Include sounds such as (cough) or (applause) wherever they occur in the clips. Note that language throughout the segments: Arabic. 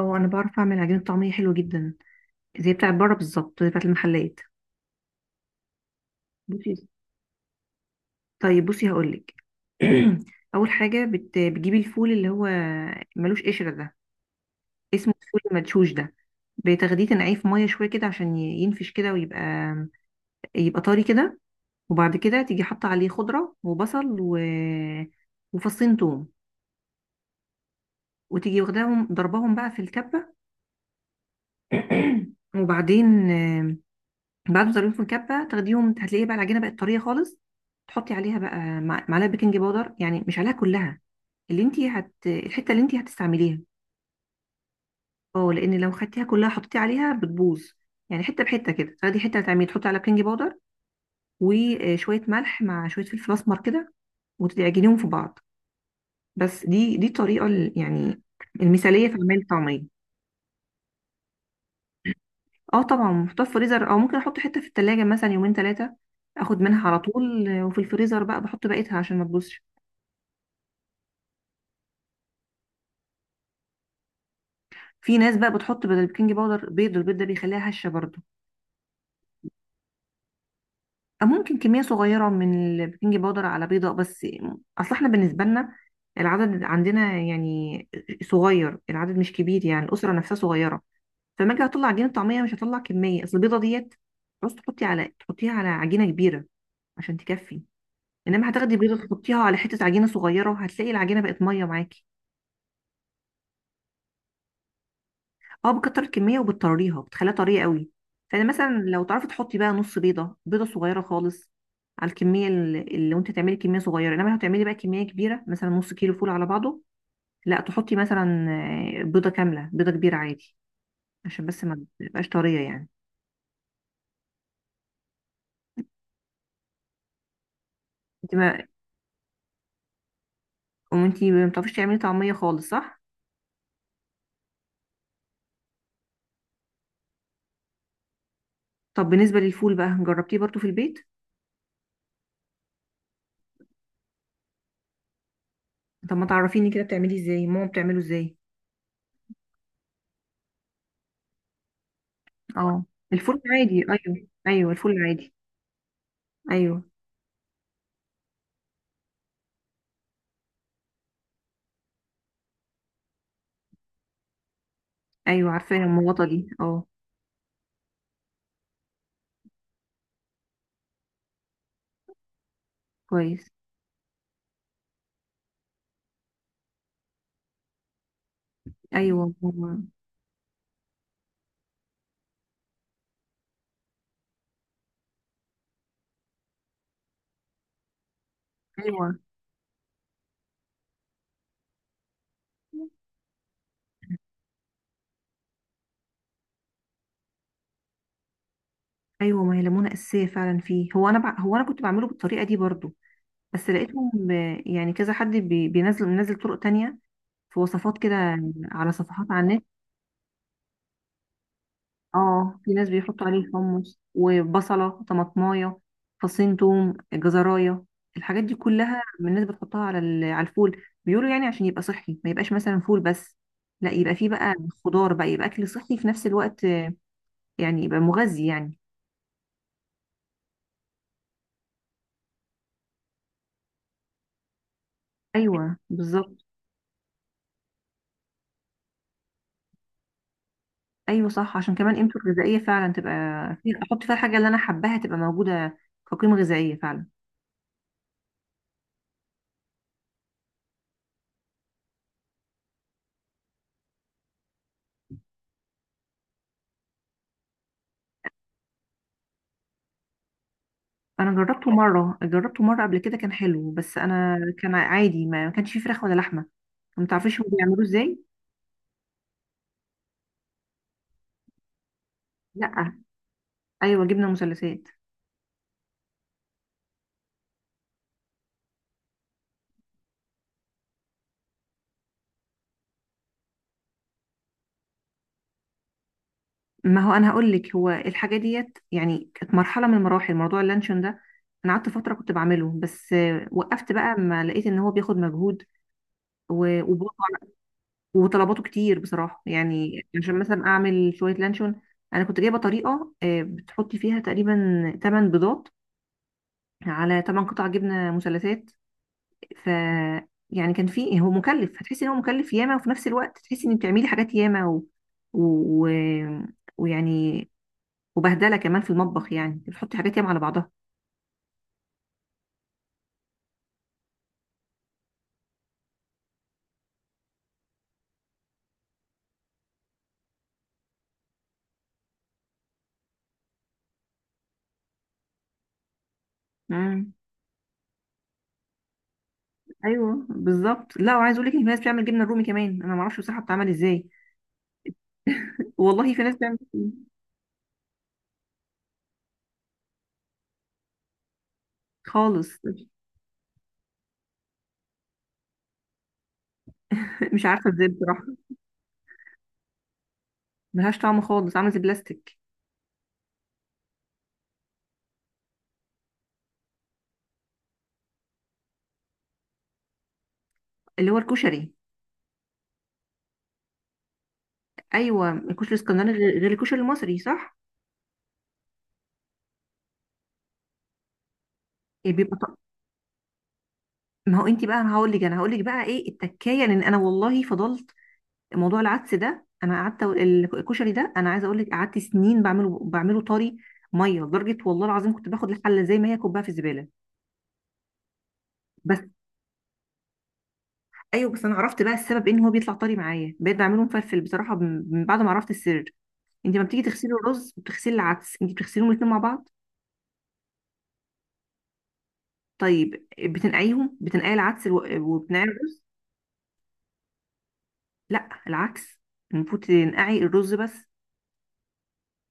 اه، انا بعرف اعمل عجينه طعميه حلوه جدا، زي بتاعت بره بالظبط، زي بتاعت المحلات. بصي. طيب بصي هقولك. (clears throat) اول حاجه بتجيبي الفول اللي هو ملوش قشره ده، اسمه الفول المدشوش ده. بتاخديه تنقعيه في ميه شويه كده عشان ينفش كده، ويبقى طري كده. وبعد كده تيجي حاطه عليه خضره وبصل وفصين توم، وتيجي واخداهم ضرباهم بقى في الكبه. (clears throat) وبعدين بعد ما تعمليهم في الكبه تاخديهم، هتلاقيه بقى العجينه بقت طريه خالص. تحطي عليها بقى معلقه بيكنج باودر، يعني مش عليها كلها، اللي انت الحته اللي انت هتستعمليها. اه، لان لو خدتيها كلها حطيتي عليها بتبوظ. يعني حته بحته كده، تاخدي حته هتعملي تحطي على بيكنج باودر وشويه ملح مع شويه فلفل اسمر كده، وتعجنيهم في بعض. بس دي الطريقه يعني المثاليه في عمل الطعميه. اه طبعا، محطوطه في الفريزر، او ممكن احط حته في التلاجة مثلا 2 3 ايام، اخد منها على طول، وفي الفريزر بقى بحط بقيتها عشان ما تبوظش. في ناس بقى بتحط بدل البيكنج باودر بيض، والبيض ده بيخليها هشه برضو. أو ممكن كميه صغيره من البيكنج باودر على بيضه بس. اصل احنا بالنسبه لنا العدد عندنا يعني صغير، العدد مش كبير، يعني الاسره نفسها صغيره. فلما اجي اطلع عجينه طعميه مش هطلع كميه، اصل البيضه ديت بس تحطيها على عجينه كبيره عشان تكفي. انما هتاخدي بيضه تحطيها على حته عجينه صغيره، وهتلاقي العجينه بقت ميه معاكي. اه، بكتر الكميه وبتطريها، بتخليها طريه قوي. فانا مثلا لو تعرفي تحطي بقى نص بيضه، بيضه صغيره خالص، على الكميه اللي وانت تعملي كميه صغيره. انما لو هتعملي بقى كميه كبيره مثلا 1/2 كيلو فول على بعضه، لا تحطي مثلا بيضه كامله، بيضه كبيره عادي عشان بس ما تبقاش طريه يعني. انت ما وانت ما بتعرفيش تعملي طعميه خالص صح؟ طب بالنسبه للفول بقى، جربتيه برضو في البيت؟ طب ما تعرفيني كده بتعمليه ازاي؟ ماما بتعمله ازاي؟ اه الفول العادي، ايوه ايوه الفول العادي. ايوه، ايوه عارفه المغطى دي، اه. كويس. ايوه. ايوه ايوه، ما هي ليمونه اساسيه فعلا فيه. هو انا هو انا كنت بعمله بالطريقه دي برضو، بس لقيتهم يعني كذا حد بينزل منزل طرق تانية، في وصفات كده على صفحات على النت. اه، في ناس بيحطوا عليه حمص وبصله طماطمايه فصين توم جزرايه، الحاجات دي كلها من الناس بتحطها على الفول، بيقولوا يعني عشان يبقى صحي، ما يبقاش مثلا فول بس، لا يبقى فيه بقى خضار بقى، يبقى اكل صحي في نفس الوقت، يعني يبقى مغذي يعني. ايوه بالظبط. ايوه صح، عشان كمان قيمته الغذائيه فعلا تبقى احط فيها الحاجه اللي انا حباها تبقى موجوده كقيمه غذائيه فعلا. انا جربته مره، جربته مره قبل كده كان حلو، بس انا كان عادي ما كانش فيه فراخ ولا لحمه. ما تعرفيش هو بيعملوه ازاي؟ لا. ايوه جبنه مثلثات. ما هو انا هقول لك، هو الحاجه ديت يعني كانت مرحله من المراحل، موضوع اللانشون ده انا قعدت فتره كنت بعمله، بس وقفت بقى، ما لقيت ان هو بياخد مجهود وبرضه وطلباته كتير بصراحة، يعني عشان مثلا أعمل شوية لانشون، أنا كنت جايبة طريقة بتحطي فيها تقريبا 8 بيضات على 8 قطع جبنة مثلثات. ف يعني كان في، هو مكلف، هتحسي إن هو مكلف ياما، وفي نفس الوقت تحسي إن بتعملي حاجات ياما و... و... ويعني وبهدلة كمان في المطبخ، يعني بتحطي حاجات ياما على بعضها. مم. ايوه بالظبط، لا وعايز اقول لك ان في ناس بتعمل جبنه رومي كمان، انا ما اعرفش بصراحه بتعمل ازاي. والله في ناس بتعمل خالص. (laughs) مش عارفه ازاي بصراحه. ملهاش طعم خالص، عامل زي البلاستيك. اللي هو الكشري. ايوه الكشري الاسكندراني، غير غير الكشري المصري صح؟ إيه بيبقى طعم. ما هو انت بقى، انا هقول لك بقى ايه التكايه. لان انا والله فضلت موضوع العدس ده، انا قعدت الكشري ده انا عايزه اقول لك قعدت سنين بعمله طري ميه لدرجه، والله العظيم كنت باخد الحله زي ما هي كوبها في الزباله. بس. ايوه بس انا عرفت بقى السبب، ان هو بيطلع طري معايا بقيت بعمله مفلفل بصراحه، من بعد ما عرفت السر. انت ما بتيجي تغسلي الرز بتغسلي العدس، انت بتغسليهم الاثنين مع بعض. طيب بتنقعيهم، بتنقعي العدس وبتنقعي الرز. لا العكس، المفروض تنقعي الرز بس.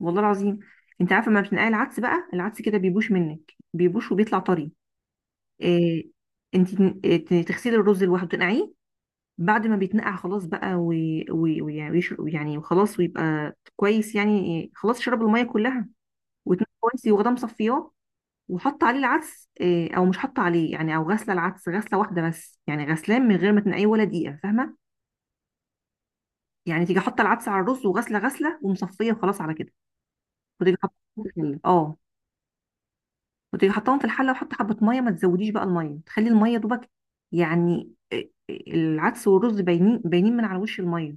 والله العظيم. انت عارفه، ما بتنقعي العدس بقى، العدس كده بيبوش منك، بيبوش وبيطلع طري. إيه. انت تغسلي الرز لوحده تنقعيه، بعد ما بيتنقع خلاص بقى ويعني يعني وخلاص، ويبقى كويس يعني، خلاص شرب الميه كلها وتنقع كويس، وغدا مصفياه، وحط عليه العدس، او مش حط عليه يعني، او غسله العدس غسله واحده بس، يعني غسلان من غير ما تنقعيه ولا دقيقه، فاهمه؟ يعني تيجي حاطه العدس على الرز، وغسله غسله ومصفيه، وخلاص على كده. وتيجي حاطاهم في الحله (laughs) اه. وتيجي حطاهم في الحله، وحط حبه ميه، ما تزوديش بقى الميه، تخلي الميه دوبك، يعني العدس والرز باينين باينين من على وش الميه،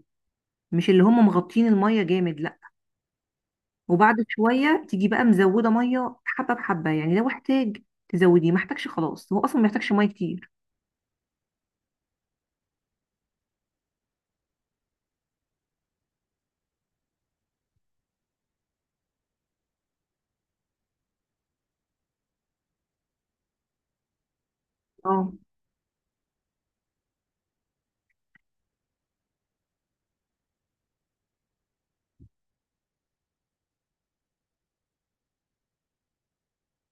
مش اللي هم مغطين الميه جامد لا. وبعد شويه تيجي بقى مزوده ميه حبه بحبه، يعني لو احتاج تزوديه، ما احتاجش خلاص، هو اصلا ما يحتاجش ميه كتير. اه.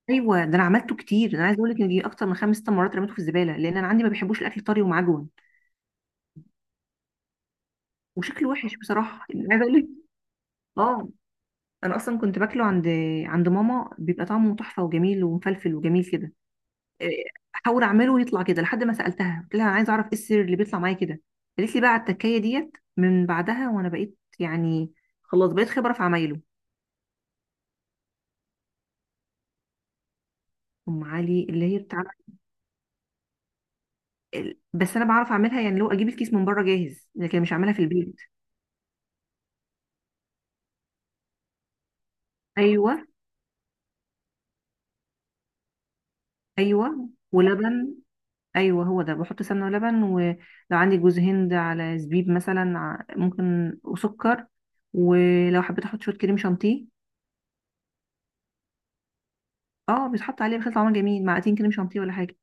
ايوه، ده انا عملته كتير، انا عايزه اقول لك ان دي اكتر من 5 6 مرات رميته في الزباله، لان انا عندي ما بيحبوش الاكل طري ومعجون. وشكله وحش بصراحه، يعني عايزه اقول. اه انا اصلا كنت باكله عند ماما، بيبقى طعمه تحفه وجميل ومفلفل وجميل كده. إيه، احاول اعمله ويطلع كده لحد ما سالتها، قلت لها انا عايزه اعرف ايه السر اللي بيطلع معايا كده. قالت لي بقى على التكايه ديت. من بعدها وانا بقيت يعني خلاص، بقيت خبره في عمايله. ام علي اللي هي بتاع بس انا بعرف اعملها، يعني لو اجيب الكيس من بره جاهز، لكن مش اعملها في البيت. ايوه ايوه ولبن. ايوه هو ده، بحط سمنه ولبن، ولو عندي جوز هند على زبيب مثلا ممكن وسكر. ولو حبيت احط شويه كريم شانتيه. اه، بيتحط عليه بيخلي طعمها جميل، معلقتين كريم شانتيه ولا حاجه.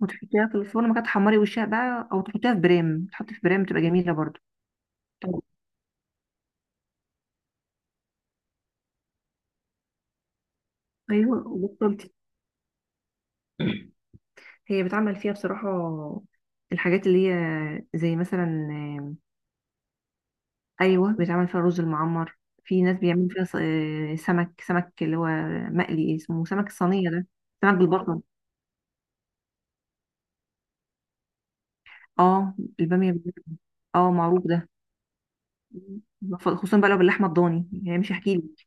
وتحطيها في الفرن ما كانت تحمري وشها بقى، او تحطيها في برام، تحطي في برام بتبقى جميله برضو. طب. ايوه وبطلتي. (clears throat) هي بتعمل فيها بصراحه الحاجات اللي هي زي مثلا. ايوه بيتعمل فيها رز المعمر. في ناس بيعملوا فيها سمك اللي هو مقلي، اسمه سمك الصينيه ده. سمك بالبصل. اه الباميه. اه معروف ده. خصوصا بقى لو باللحمه الضاني، يعني مش هحكي لك.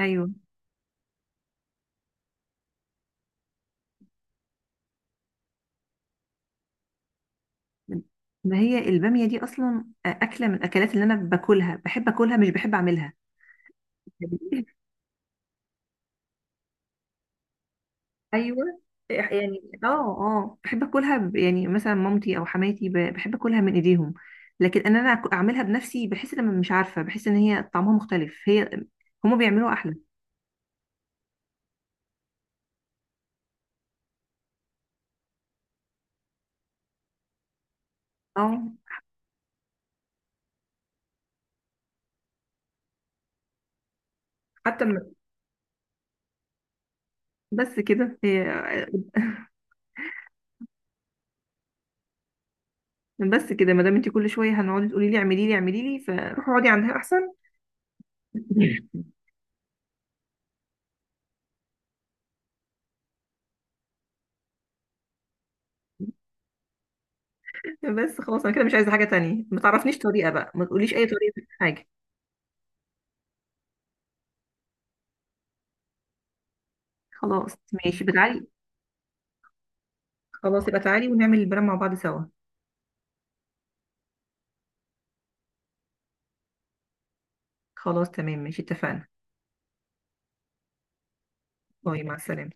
ايوه ما هي الباميه دي اصلا اكله من الاكلات اللي انا باكلها، بحب اكلها مش بحب اعملها. ايوه. يعني بحب اكلها يعني مثلا مامتي او حماتي بحب اكلها من ايديهم. لكن ان انا اعملها بنفسي، بحس ان أنا مش عارفه، بحس ان هي طعمها مختلف، هما بيعملوها احلى. اه حتى م- بس كده هي. بس كده، ما دام انت كل شويه هنقعدي تقولي لي اعملي لي اعملي لي، فروحي اقعدي عندها احسن. (laughs) بس خلاص، انا كده مش عايزه حاجه تانية، ما تعرفنيش طريقه بقى، ما تقوليش اي طريقه في حاجه. خلاص ماشي، بتعالي. خلاص يبقى تعالي ونعمل البلان مع بعض سوا. خلاص تمام ماشي، اتفقنا. باي، مع السلامة.